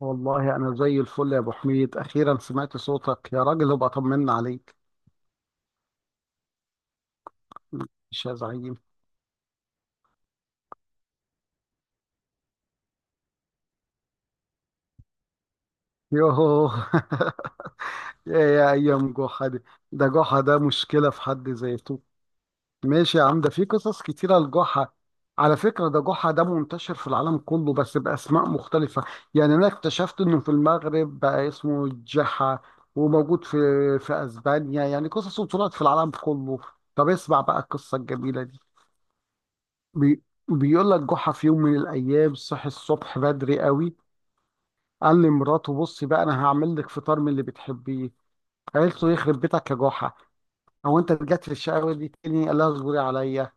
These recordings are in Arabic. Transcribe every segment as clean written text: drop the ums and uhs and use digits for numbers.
والله أنا زي الفل يا أبو حميد، أخيرا سمعت صوتك يا راجل. ابقى طمنا عليك. مش يا زعيم؟ يوهو يا أيام جحا دي. ده جحا ده مشكلة في حد ذاته. ماشي يا عم، ده في قصص كتيرة لجحا. على فكرة، ده جحا ده منتشر في العالم كله بس بأسماء مختلفة. يعني أنا اكتشفت إنه في المغرب بقى اسمه جحا، وموجود في أسبانيا. يعني قصصه طلعت في العالم كله. طب اسمع بقى القصة الجميلة دي. بي... بيقول لك جحا في يوم من الايام صحي الصبح بدري قوي. قال لمراته: بصي بقى، انا هعمل لك فطار من اللي بتحبيه. قالت له: يخرب بيتك يا جحا، هو انت رجعت للشقاوه دي تاني؟ قال لها: اصبري عليا.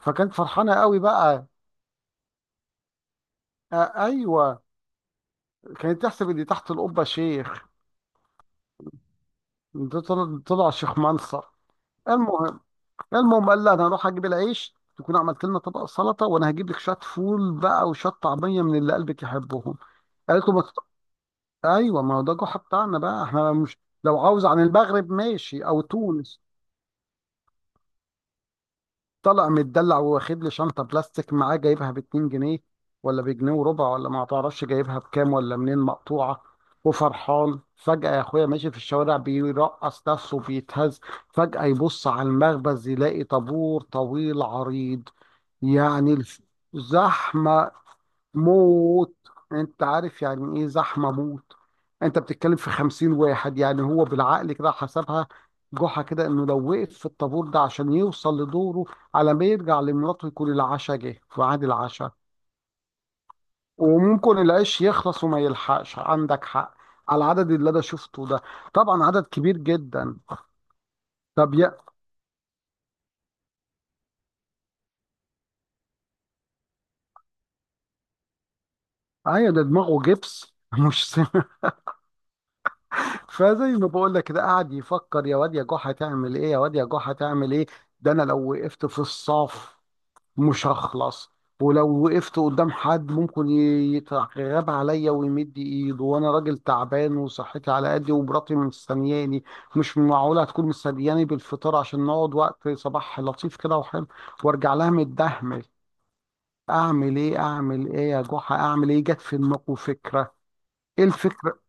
فكانت فرحانه قوي بقى. آه ايوه، كانت تحسب ان تحت القبه شيخ. ده طلع شيخ منصر. المهم المهم قال لها: انا هروح اجيب العيش، تكون عملت لنا طبق سلطه، وانا هجيب لك شويه فول بقى وشويه طعميه من اللي قلبك يحبهم. قالت له ما... ايوه، ما هو ده جحا بتاعنا بقى، احنا مش لو عاوز عن المغرب ماشي او تونس. طلع متدلع واخد لي شنطه بلاستيك معاه، جايبها ب 2 جنيه، ولا بجنيه وربع، ولا ما تعرفش جايبها بكام ولا منين، مقطوعه. وفرحان فجأة يا اخويا، ماشي في الشوارع بيرقص نفسه بيتهز. فجأة يبص على المخبز يلاقي طابور طويل عريض، يعني زحمة موت. انت عارف يعني ايه زحمه موت؟ انت بتتكلم في 50 واحد. يعني هو بالعقل كده حسبها جحا، كده انه لو وقف في الطابور ده عشان يوصل لدوره، على ما يرجع لمراته يكون العشاء جه في ميعاد العشاء. وممكن العيش يخلص وما يلحقش، عندك حق. على العدد اللي انا شفته ده، طبعا عدد كبير جدا. طب يا... ايوه، ده دماغه جبس مش. فزي ما بقول لك كده، قاعد يفكر: يا واد يا جحا تعمل ايه، يا واد يا جحا تعمل ايه. ده انا لو وقفت في الصف مش هخلص. ولو وقفت قدام حد ممكن يتغاب عليا ويمد ايده، وانا راجل تعبان وصحتي على قدي ومراتي مستنياني. مش معقوله هتكون مستنياني بالفطار عشان نقعد وقت صباح لطيف كده وحلو، وارجع لها متدهمل. اعمل ايه، اعمل ايه يا جحا، اعمل ايه؟ جت في دماغه فكره. ايه الفكره؟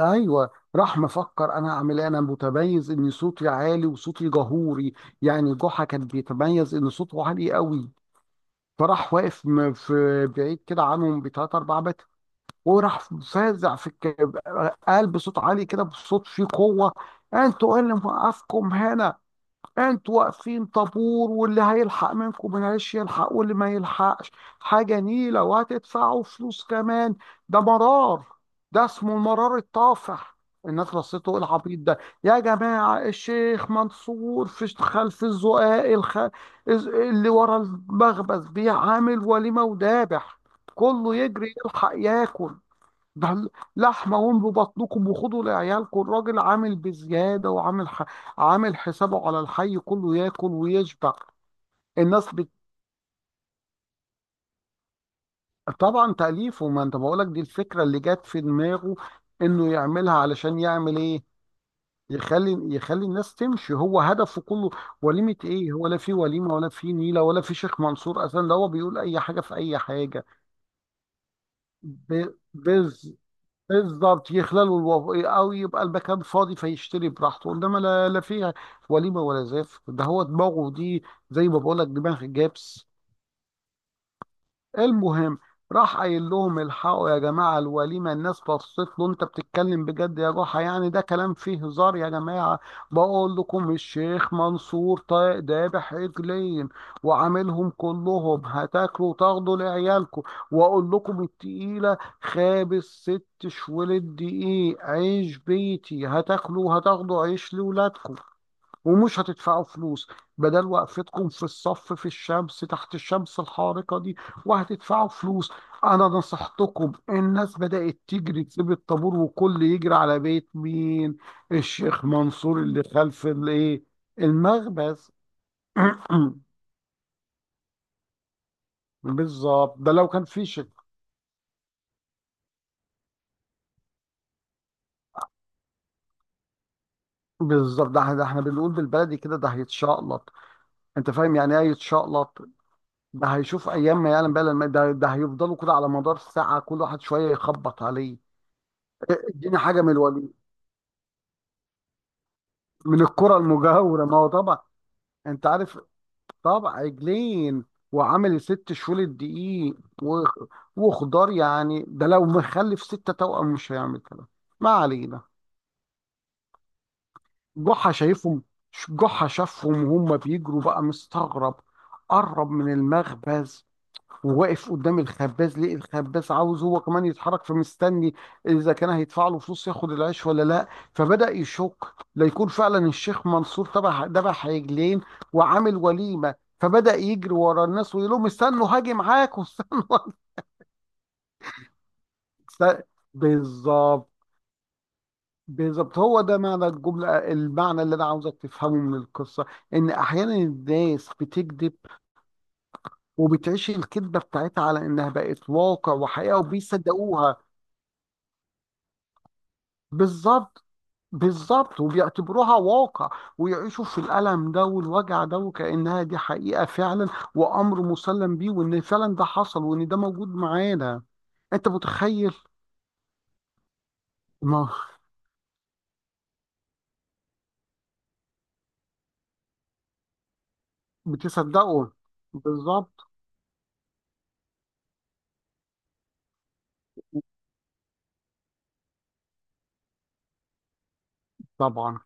ايوه، راح مفكر: انا اعمل ايه، انا متميز ان صوتي عالي وصوتي جهوري. يعني جحا كان بيتميز ان صوته عالي قوي. فراح واقف في بعيد كده عنهم بتلات اربع متر. وراح فازع قال بصوت عالي كده، بصوت فيه قوه: انتوا ايه اللي موقفكم هنا؟ انتوا واقفين طابور، واللي هيلحق منكم معلش يلحق، واللي ما يلحقش حاجة نيلة، وهتدفعوا فلوس كمان. ده مرار، ده اسمه المرار الطافح. الناس رصته إيه العبيط ده. يا جماعة، الشيخ منصور في خلف الزقاق اللي ورا المخبز بيعامل وليمة ودابح. كله يجري يلحق ياكل. ده لحمة، واملوا بطنكم وخدوا لعيالكم. الراجل عامل بزيادة وعامل عامل حسابه على الحي كله ياكل ويشبع. الناس بت... طبعا تأليفه. ما انت بقولك دي الفكرة اللي جت في دماغه، انه يعملها علشان يعمل ايه؟ يخلي الناس تمشي، هو هدفه كله. وليمة ايه ولا في وليمة ولا في نيلة ولا في شيخ منصور اصلا، ده هو بيقول اي حاجة في اي حاجة. ب... بز... بالظبط، يخللوا او يبقى المكان فاضي فيشتري براحته. انما لا، لا فيها وليمه ولا زاف، ده هو دماغه دي، زي ما بقول لك دماغ جابس. المهم، راح قايل لهم: الحقوا يا جماعة الوليمة. الناس بصت له: انت بتتكلم بجد يا جحا؟ يعني ده كلام فيه هزار يا جماعة. بقول لكم الشيخ منصور ذابح عجلين، وعاملهم كلهم، هتاكلوا وتاخدوا لعيالكم. واقول لكم التقيلة، خابز 6 شوال الدقيق عيش بيتي، هتاكلوا وهتاخدوا عيش لولادكم، ومش هتدفعوا فلوس، بدل وقفتكم في الصف في الشمس تحت الشمس الحارقة دي وهتدفعوا فلوس. أنا نصحتكم. الناس بدأت تجري تسيب الطابور، وكل يجري على بيت مين؟ الشيخ منصور اللي خلف الإيه؟ المخبز. بالظبط، ده لو كان في شك. بالظبط، ده احنا بنقول بالبلدي كده، ده هيتشقلط. انت فاهم يعني ايه يتشقلط؟ ده هيشوف ايام ما يعلم بقى. ده هيفضلوا كده على مدار ساعة، كل واحد شوية يخبط عليه. اديني حاجه من الوليد، من الكره المجاوره. ما هو طبعا. انت عارف، طبعا عجلين، وعامل 6 شهور الدقيق و- وخضار، يعني ده لو مخلف 6 توأم مش هيعمل كده. ما علينا. جحا شايفهم. جحا شافهم وهم بيجروا بقى مستغرب. قرب من المخبز، وواقف قدام الخباز. ليه؟ الخباز عاوز هو كمان يتحرك فمستني اذا كان هيدفع له فلوس ياخد العيش ولا لا. فبدأ يشك: لا يكون فعلا الشيخ منصور تبع دبح عجلين وعامل وليمة. فبدأ يجري ورا الناس ويقول لهم: استنوا هاجي معاكم، استنوا هاجي. است- بالظبط. بالظبط، هو ده معنى الجملة، المعنى اللي أنا عاوزك تفهمه من القصة: إن أحيانا الناس بتكذب، وبتعيش الكذبة بتاعتها على إنها بقت واقع وحقيقة وبيصدقوها. بالظبط. بالظبط، وبيعتبروها واقع، ويعيشوا في الألم ده والوجع ده وكأنها دي حقيقة فعلا، وأمر مسلم بيه، وإن فعلا ده حصل، وإن ده موجود معانا. أنت متخيل؟ ما بتصدقه. بالظبط، طبعا.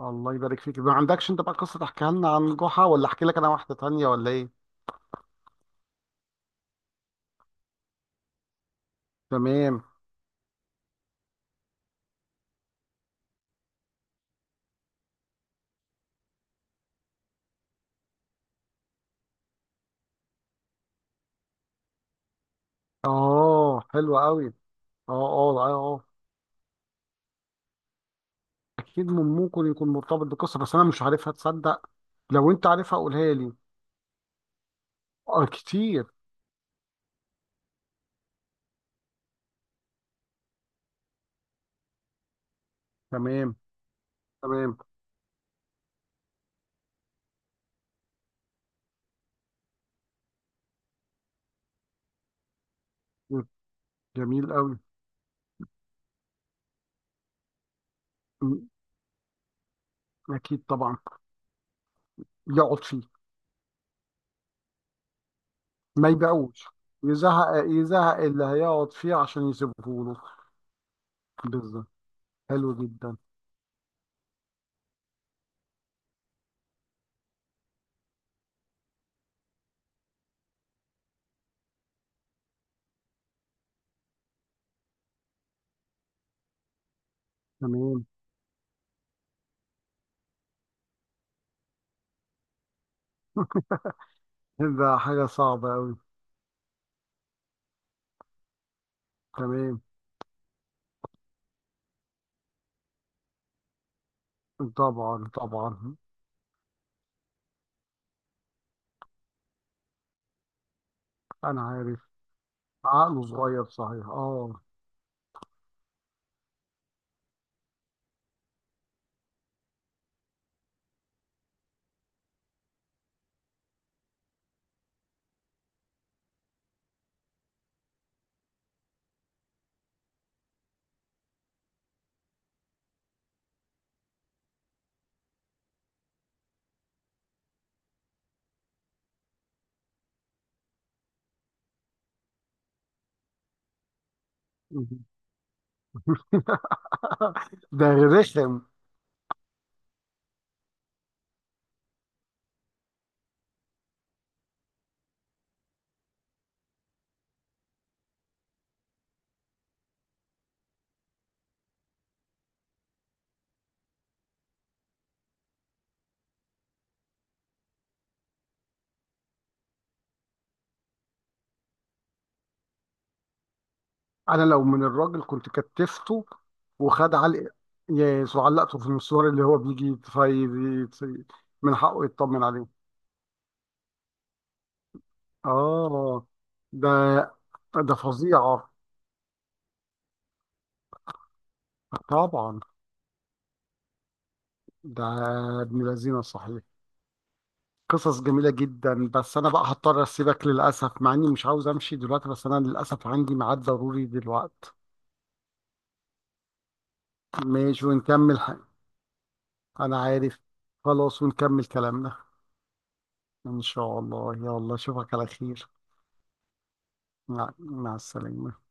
الله يبارك فيك. ما عندكش أنت بقى قصة تحكيها لنا عن جحا، ولا أحكي لك أنا واحدة تانية، ولا إيه؟ تمام. آه، حلو قوي، آه. آه آه آه. أكيد، من ممكن يكون مرتبط بقصة بس أنا مش عارفها، تصدق. لو أنت عارفها قولها لي. آه كتير. تمام. تمام. مم. جميل قوي. مم. اكيد طبعا. يقعد فيه. ما يبيعوش. يزهق، يزهق اللي هيقعد فيه عشان يسيبه له. بالظبط. حلو جدا. تمام. ده حاجه صعبه قوي. تمام، طبعا، طبعا. انا عارف. عقله صغير صحيح، اه. مم. ده رخم. انا لو من الراجل كنت كتفته. وخد علق. يا علقته في المشوار اللي هو بيجي من حقه يطمن عليه. اه، ده ده فظيعة. طبعا. ده ابن لذينه صحيح. قصص جميلة جدا. بس أنا بقى هضطر أسيبك للأسف، مع إني مش عاوز أمشي دلوقتي بس أنا للأسف عندي ميعاد ضروري دلوقتي. ماشي، ونكمل حق. أنا عارف. خلاص، ونكمل كلامنا. إن شاء الله. يلا أشوفك على خير. مع السلامة.